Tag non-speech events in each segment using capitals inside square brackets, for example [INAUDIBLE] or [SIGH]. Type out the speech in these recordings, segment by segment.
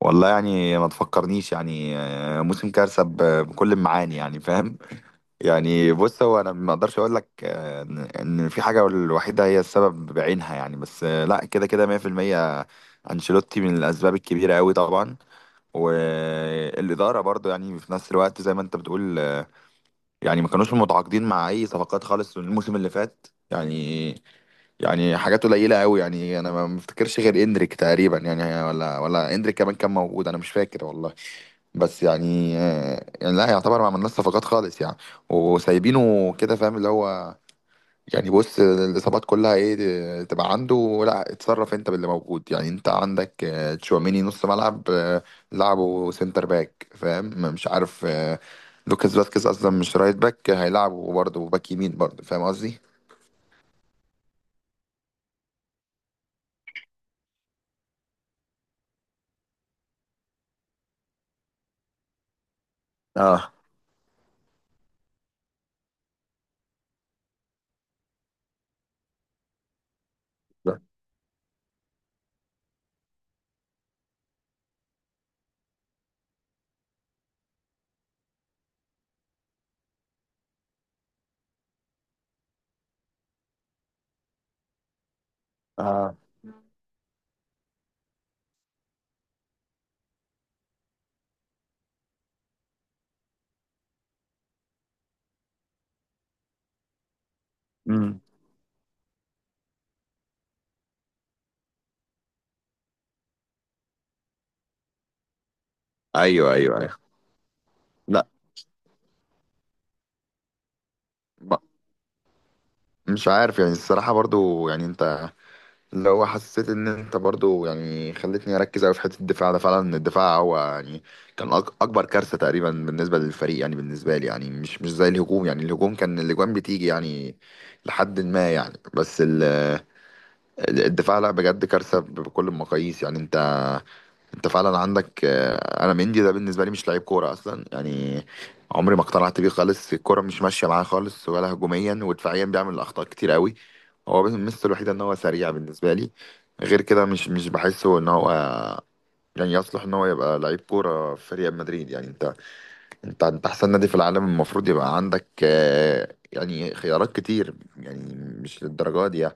والله يعني ما تفكرنيش يعني موسم كارثة بكل المعاني يعني فاهم. يعني بص هو انا ما اقدرش اقول لك إن في حاجة الوحيدة هي السبب بعينها يعني بس لا كده كده 100% انشيلوتي من الاسباب الكبيرة قوي طبعا. والإدارة برضو يعني في نفس الوقت زي ما انت بتقول يعني ما كانوش متعاقدين مع اي صفقات خالص الموسم اللي فات يعني. يعني حاجات قليلة أوي يعني أنا ما مفتكرش غير إندريك تقريبا يعني ولا إندريك كمان كان موجود، أنا مش فاكر والله. بس يعني يعني لا يعتبر ما عملناش صفقات خالص يعني، وسايبينه كده فاهم اللي هو. يعني بص الإصابات كلها إيه تبقى عنده، لا اتصرف أنت باللي موجود يعني. أنت عندك تشواميني نص ملعب، لعبه سنتر باك، فاهم؟ مش عارف آه، لوكاس فاسكيز أصلا مش رايت باك، هيلعبه برضه باك يمين برضه، فاهم قصدي؟ اه. اه. امم ايوه ايوه ايوه. لا. ب- مش عارف يعني الصراحه، برضو يعني انت لو حسيت ان انت برضو يعني خلتني اركز قوي في حته الدفاع ده، فعلا الدفاع هو يعني كان اكبر كارثه تقريبا بالنسبه للفريق يعني، بالنسبه لي يعني، مش زي الهجوم. يعني الهجوم كان الاجوان بتيجي يعني لحد ما يعني. بس الدفاع لا بجد كارثه بكل المقاييس يعني. انت انت فعلا عندك انا مندي ده بالنسبه لي مش لعيب كوره اصلا يعني، عمري ما اقتنعت بيه خالص، الكوره مش ماشيه معاه خالص، ولا هجوميا ودفاعيا بيعمل اخطاء كتير قوي. هو بس الميزه الوحيده ان هو سريع بالنسبه لي، غير كده مش بحسه ان هو يعني يصلح ان هو يبقى لعيب كوره في ريال مدريد يعني. انت انت احسن نادي في العالم، المفروض يبقى عندك يعني خيارات كتير يعني، مش للدرجه دي يعني.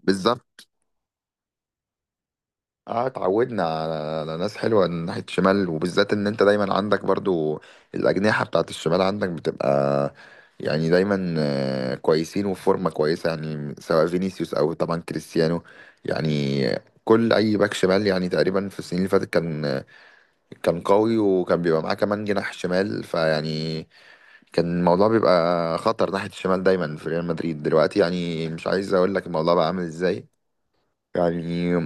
وبالظبط. اه اتعودنا على ناس حلوه من ناحيه الشمال، وبالذات ان انت دايما عندك برضو الاجنحه بتاعت الشمال عندك بتبقى يعني دايما كويسين وفي فورمه كويسه يعني، سواء فينيسيوس او طبعا كريستيانو يعني. كل اي باك شمال يعني تقريبا في السنين اللي فاتت كان كان قوي، وكان بيبقى معاه كمان جناح شمال، فيعني كان الموضوع بيبقى خطر ناحيه الشمال دايما في ريال مدريد. دلوقتي يعني مش عايز اقول لك الموضوع بقى عامل ازاي يعني.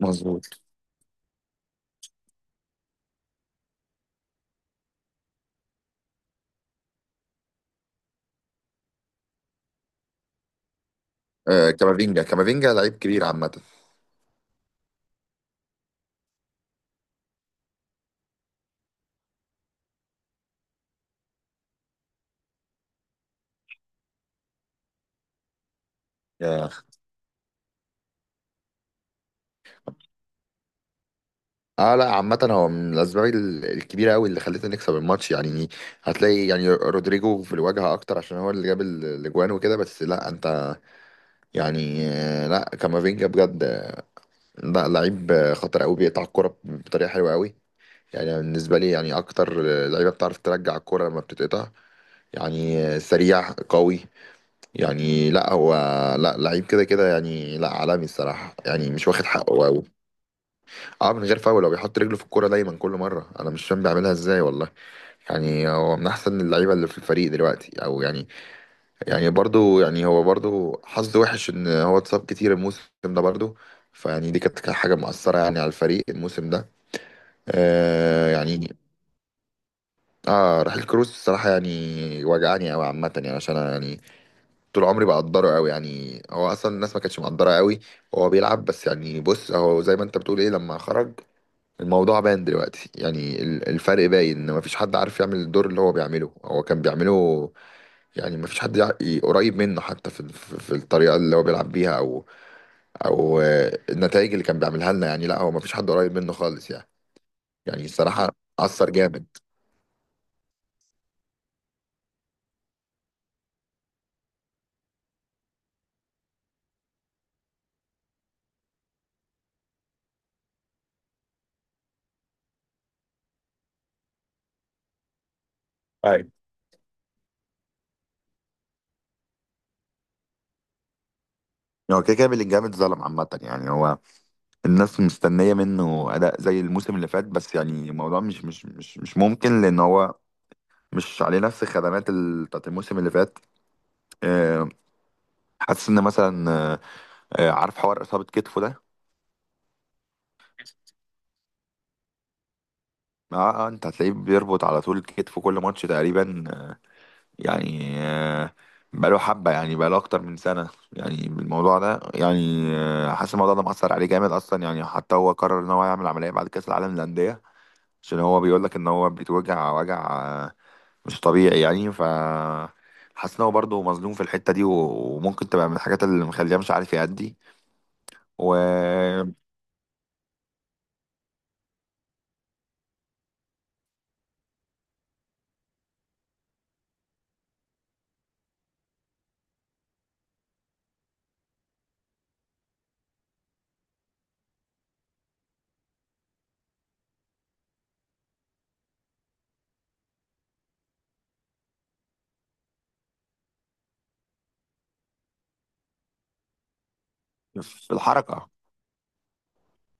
مظبوط. آه كامافينجا كامافينجا لعيب كبير عامة. يا اه لا عامة هو من الأسباب الكبيرة أوي اللي خلتنا نكسب الماتش يعني. هتلاقي يعني رودريجو في الواجهة أكتر عشان هو اللي جاب الأجوان وكده، بس لا أنت يعني لا كامافينجا بجد، لا لعيب خطر أوي، بيقطع الكورة بطريقة حلوة أوي يعني. بالنسبة لي يعني أكتر لعيبة بتعرف ترجع الكورة لما بتتقطع، يعني سريع قوي يعني. لا هو لا لعيب كده كده يعني، لا عالمي الصراحة يعني مش واخد حقه. اه من غير فاول، هو بيحط رجله في الكوره دايما كل مره، انا مش فاهم بيعملها ازاي والله. يعني هو من احسن اللعيبه اللي في الفريق دلوقتي، او يعني يعني برضو يعني هو برضو حظه وحش ان هو اتصاب كتير الموسم ده برضو، فيعني دي كانت حاجه مؤثره يعني على الفريق الموسم ده آه يعني. اه رحيل كروس الصراحه يعني وجعني قوي عامه، يعني عشان أنا يعني طول عمري بقدره قوي يعني، هو اصلا الناس ما كانتش مقدره قوي وهو بيلعب. بس يعني بص هو زي ما انت بتقول ايه، لما خرج الموضوع باين دلوقتي يعني، الفرق باين، ان مفيش حد عارف يعمل الدور اللي هو بيعمله هو كان بيعمله يعني. مفيش حد قريب منه، حتى في في الطريقة اللي هو بيلعب بيها، او او النتائج اللي كان بيعملها لنا يعني. لا هو مفيش حد قريب منه خالص يعني. يعني الصراحة أثر جامد. أيوة. هو كده كده بلينجهام اتظلم عامة يعني. هو الناس مستنية منه أداء زي الموسم اللي فات، بس يعني الموضوع مش ممكن، لأن هو مش عليه نفس الخدمات بتاعت الموسم اللي فات. آه، حاسس إن مثلا عارف حوار اصابه كتفه ده. اه. انت هتلاقيه بيربط على طول كتفه كل ماتش تقريبا يعني، بقاله حبه يعني، بقاله اكتر من سنه يعني الموضوع ده يعني. حاسس الموضوع ده مأثر عليه جامد اصلا، يعني حتى هو قرر ان هو يعمل عمليه بعد كاس العالم للانديه، عشان هو بيقول لك ان هو بيتوجع وجع آه، مش طبيعي يعني. ف حاسس ان هو برضه مظلوم في الحته دي، وممكن تبقى من الحاجات اللي مخليه مش عارف يأدي وفي الحركه.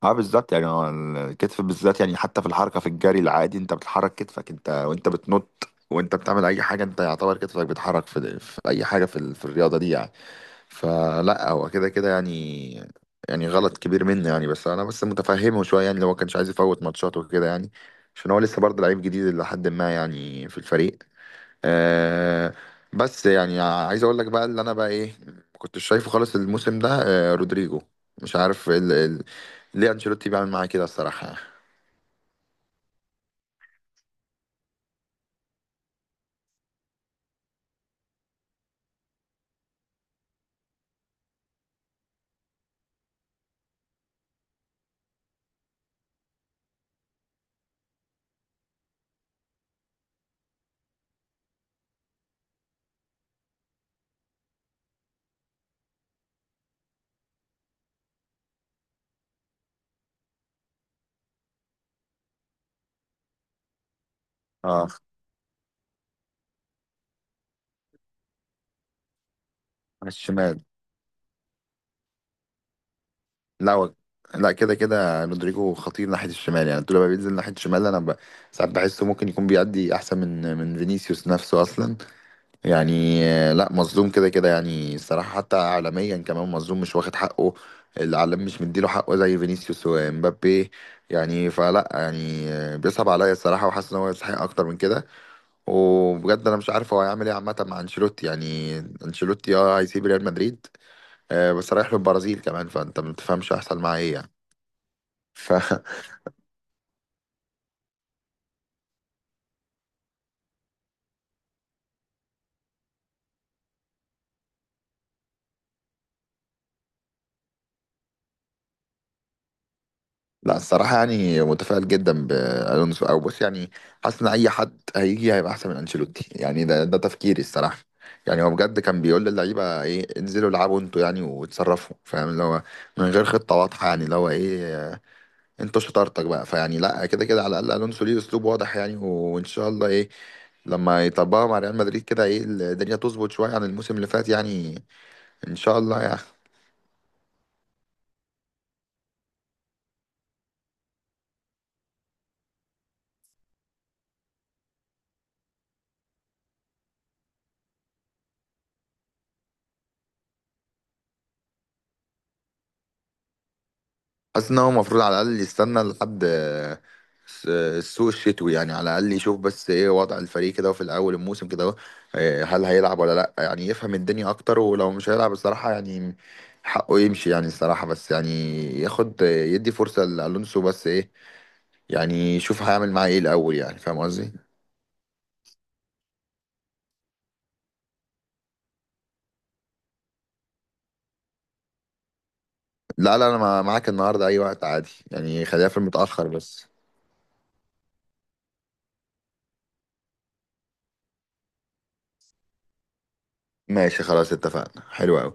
اه بالظبط يعني هو الكتف بالذات يعني حتى في الحركه في الجري العادي، انت بتحرك كتفك انت وانت بتنط وانت بتعمل اي حاجه، انت يعتبر كتفك بيتحرك في اي حاجه في, في الرياضه دي يعني. فلا هو كده كده يعني، يعني غلط كبير منه يعني، بس انا بس متفهمه شويه يعني لو ما كانش عايز يفوت ماتشات وكده يعني، عشان هو لسه برضه لعيب جديد لحد ما يعني في الفريق آه. بس يعني عايز اقول لك بقى اللي انا بقى ايه ما كنتش شايفه خالص الموسم ده، آه رودريجو، مش عارف ليه انشيلوتي بيعمل معاه كده الصراحه. اه على الشمال. لا هو لا كده كده رودريجو خطير ناحيه الشمال يعني، طول ما بينزل ناحيه الشمال انا ساعات بحسه ممكن يكون بيأدي احسن من فينيسيوس نفسه اصلا يعني. لا مظلوم كده كده يعني الصراحة، حتى عالميا كمان مظلوم مش واخد حقه، العالم مش مديله حقه زي فينيسيوس ومبابي يعني. فلا يعني بيصعب عليا الصراحة، وحاسس ان هو يستحق اكتر من كده. وبجد انا مش عارف هو هيعمل ايه عامة مع انشيلوتي يعني. انشيلوتي اه هيسيب ريال مدريد، بس رايح للبرازيل كمان، فانت ما بتفهمش هيحصل معاه ايه يعني. ف [LAUGHS] لا الصراحة يعني متفائل جدا بألونسو، أو بص يعني حاسس إن أي حد هيجي هيبقى أحسن من أنشيلوتي يعني، ده ده تفكيري الصراحة. يعني هو بجد كان بيقول للعيبة إيه انزلوا العبوا أنتوا يعني وتصرفوا، فاهم اللي هو من غير خطة واضحة يعني، اللي هو إيه أنتوا شطارتك بقى. فيعني لا كده كده على الأقل ألونسو ليه أسلوب واضح يعني، وإن شاء الله إيه لما يطبقها مع ريال مدريد كده، إيه الدنيا تظبط شوية عن الموسم اللي فات يعني، إن شاء الله يعني. حاسس ان هو المفروض على الاقل يستنى لحد السوق الشتوي يعني، على الاقل يشوف بس ايه وضع الفريق كده في الاول الموسم كده، إيه هل هيلعب ولا لا يعني، يفهم الدنيا اكتر. ولو مش هيلعب الصراحه يعني حقه يمشي يعني الصراحه، بس يعني ياخد يدي فرصه لالونسو بس ايه يعني، يشوف هيعمل معاه ايه الاول يعني، فاهم قصدي؟ لا لا انا معاك النهارده اي وقت عادي يعني، خليها في المتاخر بس. ماشي خلاص اتفقنا حلو قوي.